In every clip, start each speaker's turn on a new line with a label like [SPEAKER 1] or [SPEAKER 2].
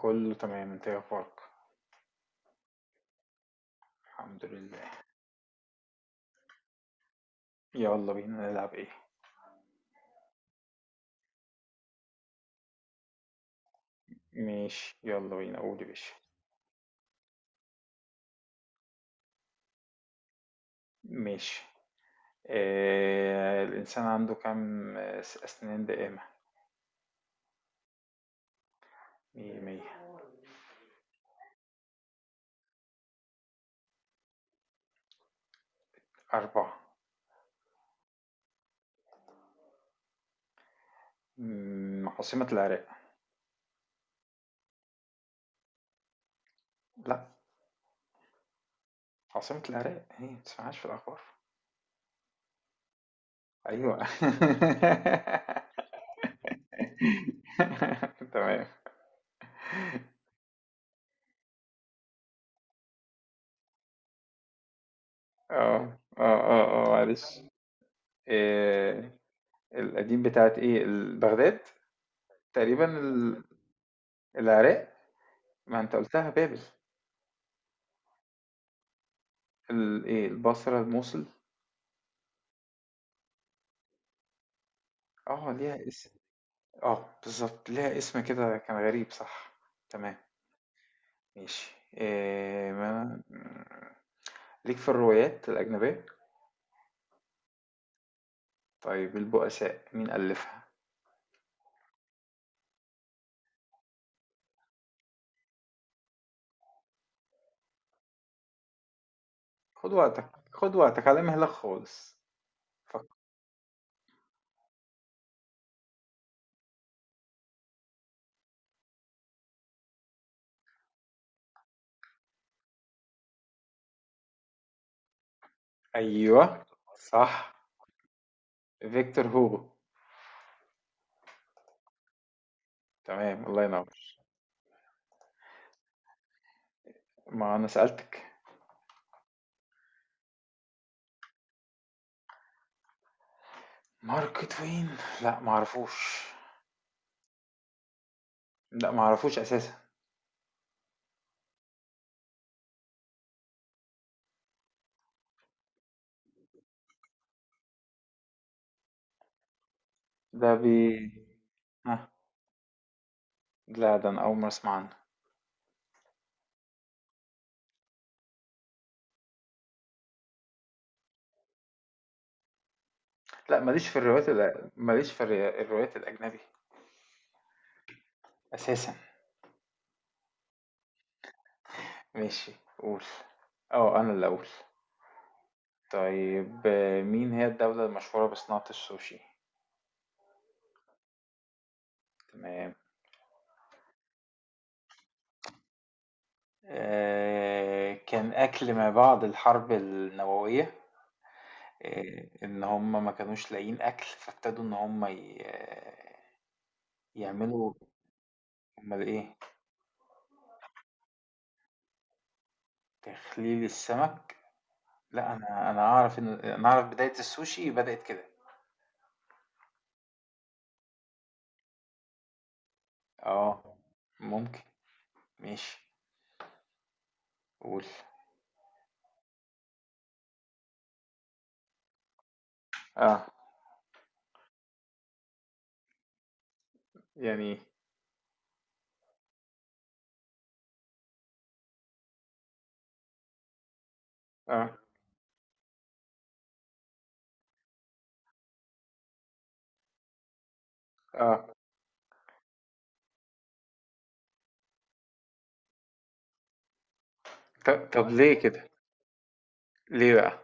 [SPEAKER 1] كله تمام. انت ايه اخبارك؟ الحمد لله. يلا بينا نلعب ايه؟ ماشي، يلا بينا، قول يا باشا. ماشي. الانسان عنده كام اسنان دائمة؟ مية مية. أربعة. عاصمة العراق. لا. عاصمة العراق هي ما تسمعهاش في الأخبار. أيوة. تمام. اه اه اه اه، معلش. آه، القديم بتاعت ايه بغداد؟ تقريبا. العراق. ما انت قلتها بابل. ايه، البصرة، الموصل؟ اه ليها اسم. اه، بالظبط، ليها اسم كده، كان غريب صح. تمام. ماشي، إيه ما ليك في الروايات الأجنبية. طيب، البؤساء مين ألفها؟ خد وقتك، خد وقتك، على مهلك خالص. فكر. أيوه. صح. فيكتور هوجو. تمام، الله ينور. ما أنا سألتك. مارك توين. لا، معرفوش. لا، معرفوش أساسا. ده بي. ها. لا، ده انا اول مره اسمع عنه. لا، ماليش في الروايات الأ- ماليش في الر- الروايات الاجنبي اساسا. ماشي، قول. اه انا اللي اقول. طيب، مين هي الدولة المشهورة بصناعة السوشي؟ تمام. كان اكل ما بعد الحرب النووية. ان هم ما كانوش لاقيين اكل، فابتدوا ان هم يعملوا. امال ايه؟ تخليل السمك. لا، انا اعرف ان انا اعرف بداية السوشي بدأت كده. اه ممكن. ماشي، قول. اه، يعني، اه اه. طب ليه كده؟ ليه بقى؟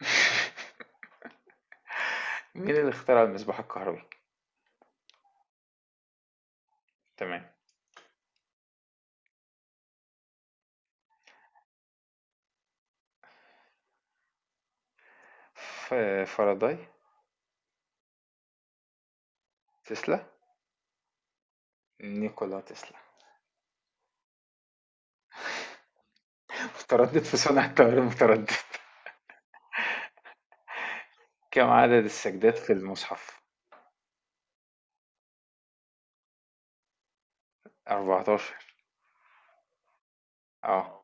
[SPEAKER 1] مين اللي اخترع المصباح الكهربي؟ تمام. فاراداي. تسلا. نيكولا تسلا. متردد في صنع التيار المتردد. كم عدد السجدات في المصحف؟ 14. اه،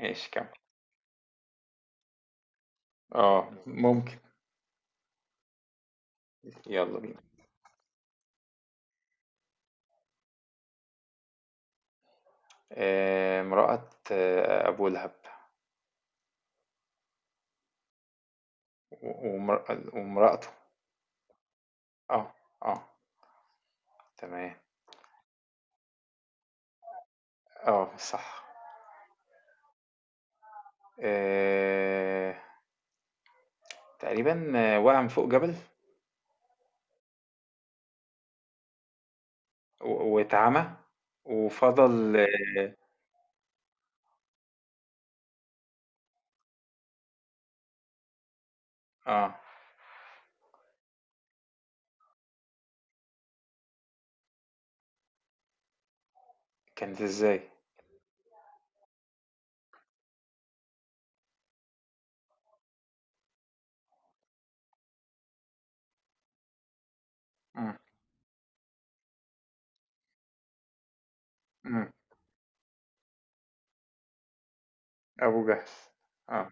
[SPEAKER 1] ماشي، كمل. اه، ممكن. يلا بينا. امرأة أبو لهب. ومرأته. اه اه. تمام. آه، صح. آآ تقريبًا وقع من فوق جبل. واتعمى. وفضل. آه. كانت إزاي؟ إمم. إمم. أبو جهل. آه.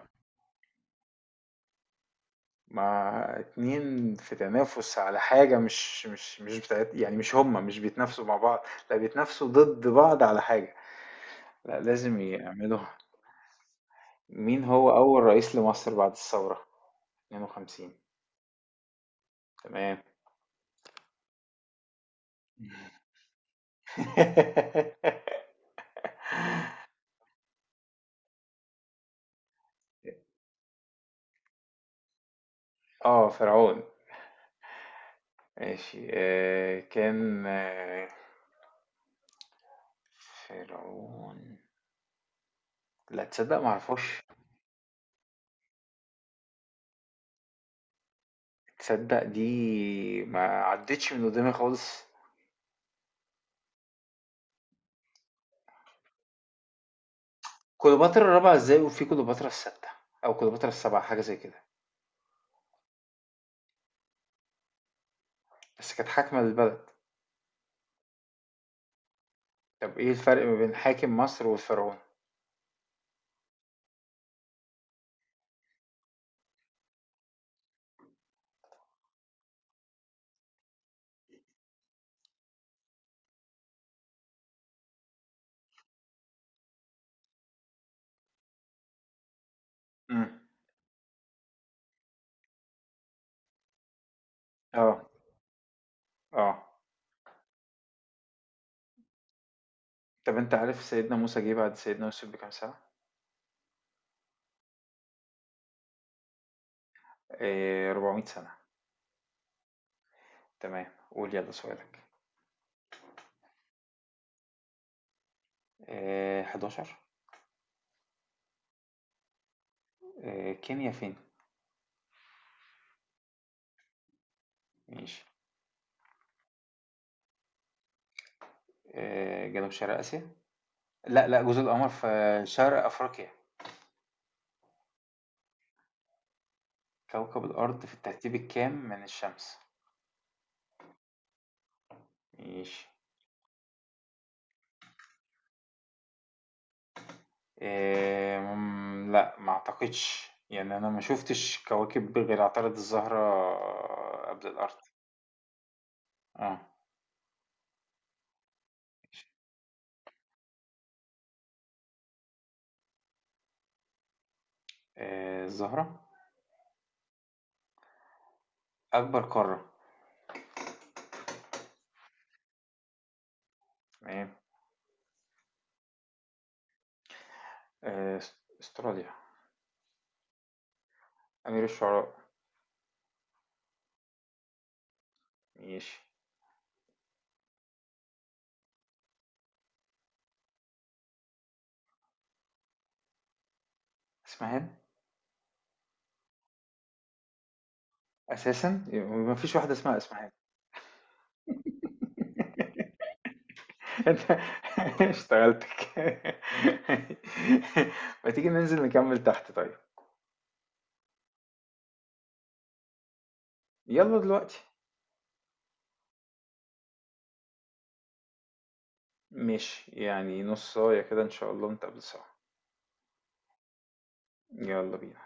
[SPEAKER 1] ما 2 في تنافس على حاجة، مش بتاعت، يعني مش هُم، مش بيتنافسوا مع بعض. لأ، بيتنافسوا ضد بعض على حاجة. لأ لازم يعملوا. مين هو أول رئيس لمصر بعد الثورة؟ 52. تمام. فرعون. ماشي، كان فرعون. لا، تصدق معرفوش. تصدق دي ما عدتش من قدامي خالص. كليوباترا الرابعة ازاي وفي كليوباترا الستة؟ أو كليوباترا السبعة، حاجة زي كده. بس كانت حاكمة للبلد. طب ايه الفرق ما بين حاكم مصر والفرعون؟ امم. اه، اه. طب انت عارف سيدنا موسى جه بعد سيدنا يوسف بكام سنة؟ 400 سنة. تمام، قول يلا سؤالك. 11. كينيا فين؟ ماشي. جنوب شرق آسيا. لأ، لأ، جزر القمر في شرق أفريقيا. كوكب الأرض في الترتيب الكام من الشمس؟ ماشي. لأ ما أعتقدش، يعني أنا ما شُفتش كواكب غير عطارد، الزهرة قبل الأرض. آه، ماشي. الزهرة. أكبر قارة. تمام. أس أستراليا. أمير الشعراء. ماشي. إسماعيلية. أساسًا! ما فيش واحدة اسمها إسماعيلية. انت. اشتغلتك. ما تيجي ننزل نكمل تحت طيب؟ يلا دلوقتي. ماشي، يعني نص ساعة كده ان شاء الله نتقابل سوا. يلا بينا.